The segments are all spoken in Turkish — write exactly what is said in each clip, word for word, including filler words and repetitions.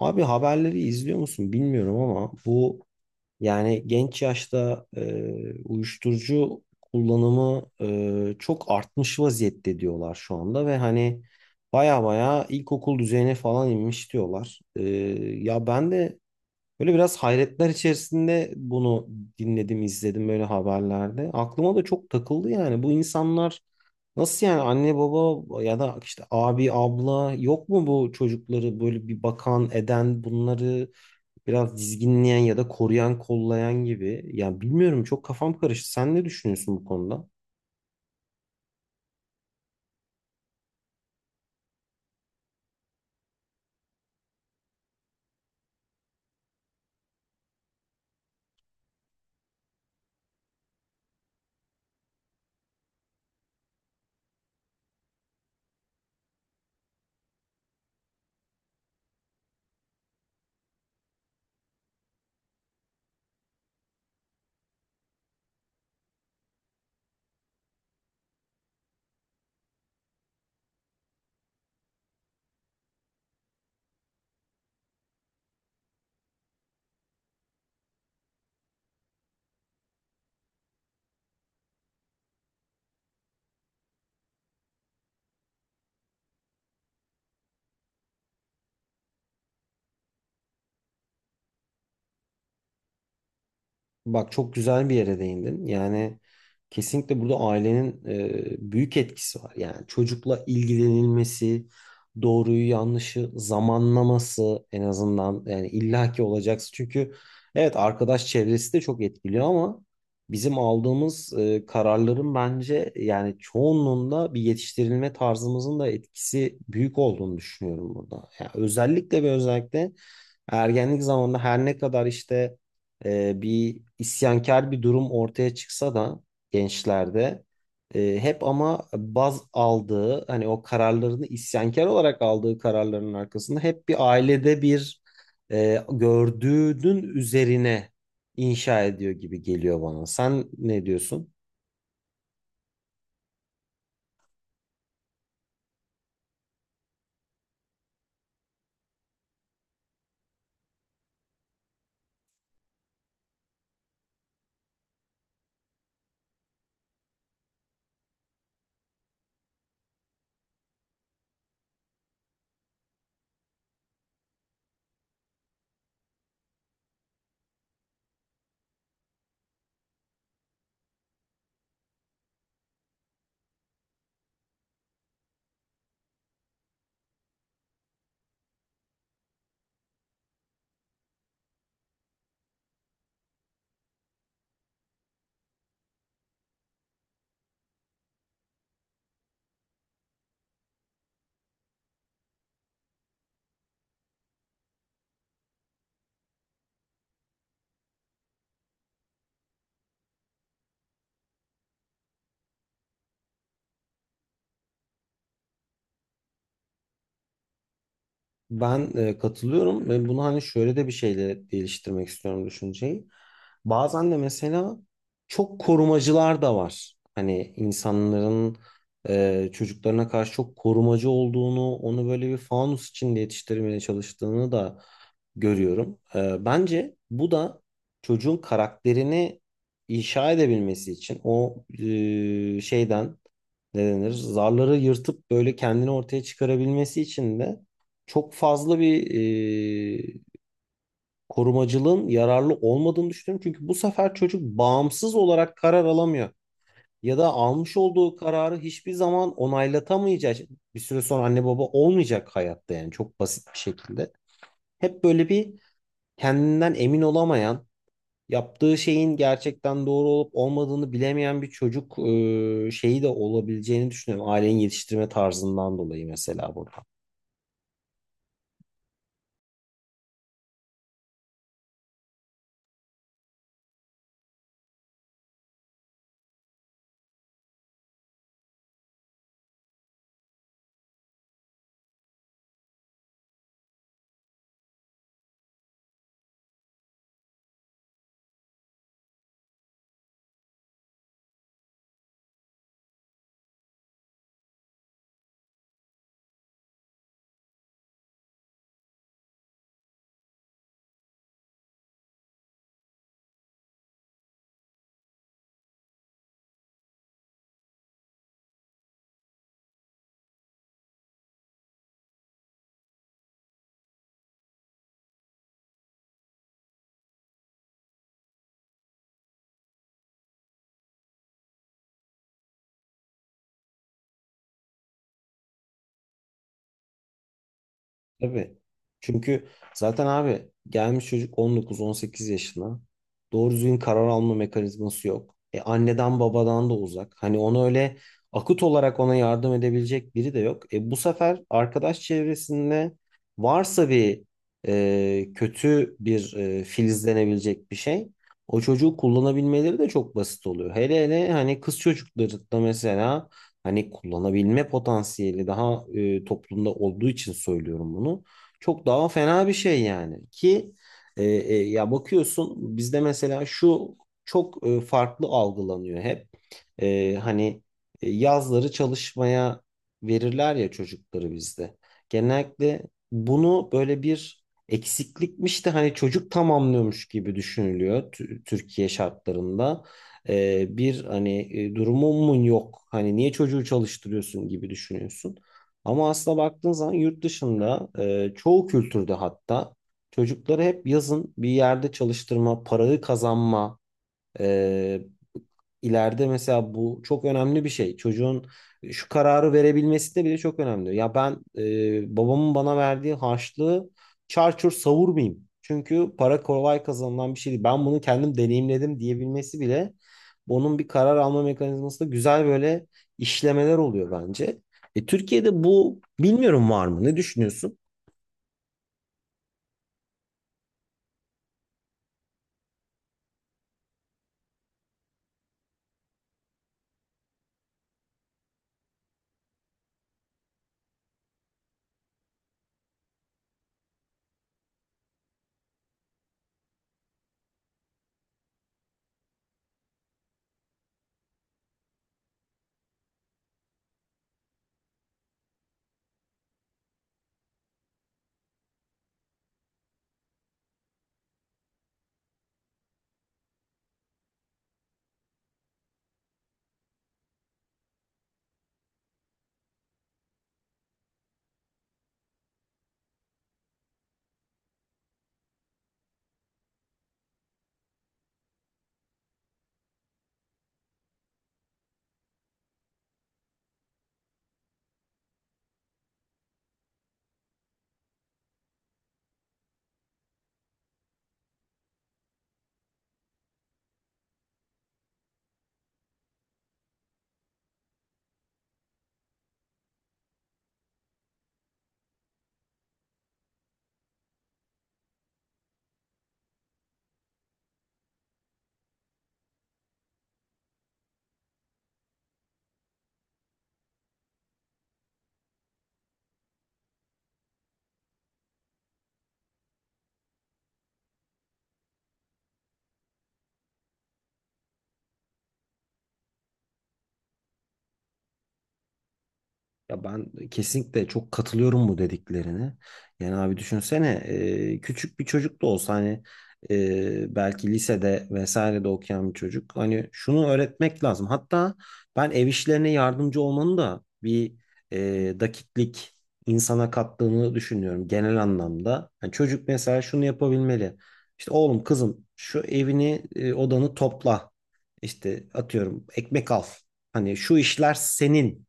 Abi haberleri izliyor musun bilmiyorum ama bu yani genç yaşta e, uyuşturucu kullanımı e, çok artmış vaziyette diyorlar şu anda ve hani baya baya ilkokul düzeyine falan inmiş diyorlar. E, ya ben de böyle biraz hayretler içerisinde bunu dinledim, izledim böyle haberlerde. Aklıma da çok takıldı yani. Bu insanlar nasıl yani anne baba ya da işte abi abla yok mu bu çocukları böyle bir bakan eden bunları biraz dizginleyen ya da koruyan kollayan gibi. Ya bilmiyorum çok kafam karıştı. Sen ne düşünüyorsun bu konuda? Bak çok güzel bir yere değindin. Yani kesinlikle burada ailenin e, büyük etkisi var. Yani çocukla ilgilenilmesi, doğruyu yanlışı zamanlaması en azından yani illaki olacaksın. Çünkü evet arkadaş çevresi de çok etkiliyor ama bizim aldığımız e, kararların bence yani çoğunluğunda bir yetiştirilme tarzımızın da etkisi büyük olduğunu düşünüyorum burada. Yani özellikle ve özellikle ergenlik zamanında her ne kadar işte e, bir isyankar bir durum ortaya çıksa da gençlerde e, hep ama baz aldığı hani o kararlarını isyankar olarak aldığı kararların arkasında hep bir ailede bir e, gördüğünün üzerine inşa ediyor gibi geliyor bana. Sen ne diyorsun? Ben e, katılıyorum ve bunu hani şöyle de bir şeyle değiştirmek istiyorum düşünceyi. Bazen de mesela çok korumacılar da var. Hani insanların e, çocuklarına karşı çok korumacı olduğunu, onu böyle bir fanus içinde yetiştirmeye çalıştığını da görüyorum. E, bence bu da çocuğun karakterini inşa edebilmesi için o e, şeyden ne denir? Zarları yırtıp böyle kendini ortaya çıkarabilmesi için de çok fazla bir e, korumacılığın yararlı olmadığını düşünüyorum. Çünkü bu sefer çocuk bağımsız olarak karar alamıyor. Ya da almış olduğu kararı hiçbir zaman onaylatameyecek. Bir süre sonra anne baba olmayacak hayatta yani çok basit bir şekilde. Hep böyle bir kendinden emin olamayan, yaptığı şeyin gerçekten doğru olup olmadığını bilemeyen bir çocuk e, şeyi de olabileceğini düşünüyorum. Ailenin yetiştirme tarzından dolayı mesela burada. Tabii. Çünkü zaten abi gelmiş çocuk on dokuz on sekiz yaşına. Doğru düzgün karar alma mekanizması yok. E anneden babadan da uzak. Hani onu öyle akut olarak ona yardım edebilecek biri de yok. E bu sefer arkadaş çevresinde varsa bir e, kötü bir e, filizlenebilecek bir şey. O çocuğu kullanabilmeleri de çok basit oluyor. Hele hele hani kız çocukları da mesela hani kullanabilme potansiyeli daha e, toplumda olduğu için söylüyorum bunu. Çok daha fena bir şey yani ki e, e, ya bakıyorsun bizde mesela şu çok e, farklı algılanıyor hep. E, hani e, yazları çalışmaya verirler ya çocukları bizde. Genellikle bunu böyle bir eksiklikmiş de hani çocuk tamamlıyormuş gibi düşünülüyor Tü- Türkiye şartlarında. Ee, bir hani e, durumun yok. Hani niye çocuğu çalıştırıyorsun gibi düşünüyorsun. Ama aslında baktığın zaman yurt dışında e, çoğu kültürde hatta çocukları hep yazın bir yerde çalıştırma, parayı kazanma e, ileride mesela bu çok önemli bir şey. Çocuğun e, şu kararı verebilmesi de bile çok önemli. Ya ben e, babamın bana verdiği harçlığı çarçur savurmayayım. Çünkü para kolay kazanılan bir şey değil. Ben bunu kendim deneyimledim diyebilmesi bile onun bir karar alma mekanizmasında güzel böyle işlemeler oluyor bence. E, Türkiye'de bu bilmiyorum var mı? Ne düşünüyorsun? Ya ben kesinlikle çok katılıyorum bu dediklerine. Yani abi düşünsene e, küçük bir çocuk da olsa hani e, belki lisede vesaire de okuyan bir çocuk. Hani şunu öğretmek lazım. Hatta ben ev işlerine yardımcı olmanın da bir e, dakiklik insana kattığını düşünüyorum genel anlamda. Yani çocuk mesela şunu yapabilmeli. İşte oğlum kızım şu evini e, odanı topla. İşte atıyorum ekmek al. Hani şu işler senin.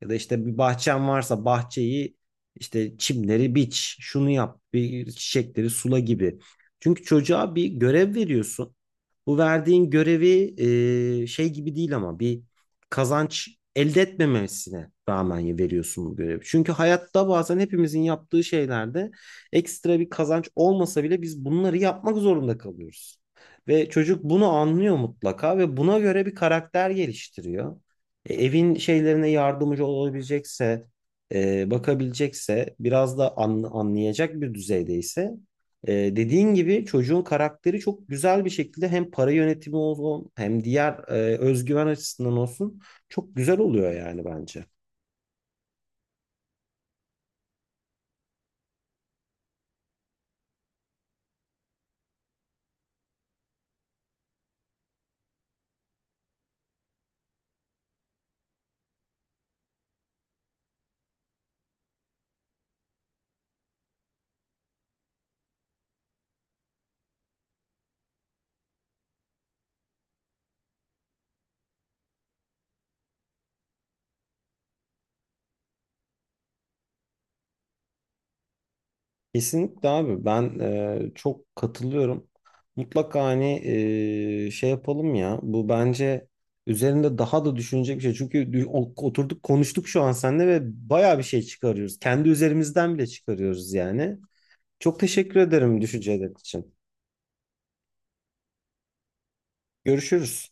Ya da işte bir bahçen varsa bahçeyi işte çimleri biç, şunu yap, bir çiçekleri sula gibi. Çünkü çocuğa bir görev veriyorsun. Bu verdiğin görevi e, şey gibi değil ama bir kazanç elde etmemesine rağmen veriyorsun bu görevi. Çünkü hayatta bazen hepimizin yaptığı şeylerde ekstra bir kazanç olmasa bile biz bunları yapmak zorunda kalıyoruz. Ve çocuk bunu anlıyor mutlaka ve buna göre bir karakter geliştiriyor. E, evin şeylerine yardımcı olabilecekse, e, bakabilecekse, biraz da an- anlayacak bir düzeydeyse, e, dediğin gibi çocuğun karakteri çok güzel bir şekilde hem para yönetimi olsun hem diğer e, özgüven açısından olsun çok güzel oluyor yani bence. Kesinlikle abi ben e, çok katılıyorum. Mutlaka hani e, şey yapalım ya bu bence üzerinde daha da düşünecek bir şey. Çünkü dü- o- oturduk konuştuk şu an seninle ve bayağı bir şey çıkarıyoruz. Kendi üzerimizden bile çıkarıyoruz yani. Çok teşekkür ederim düşünceler için. Görüşürüz.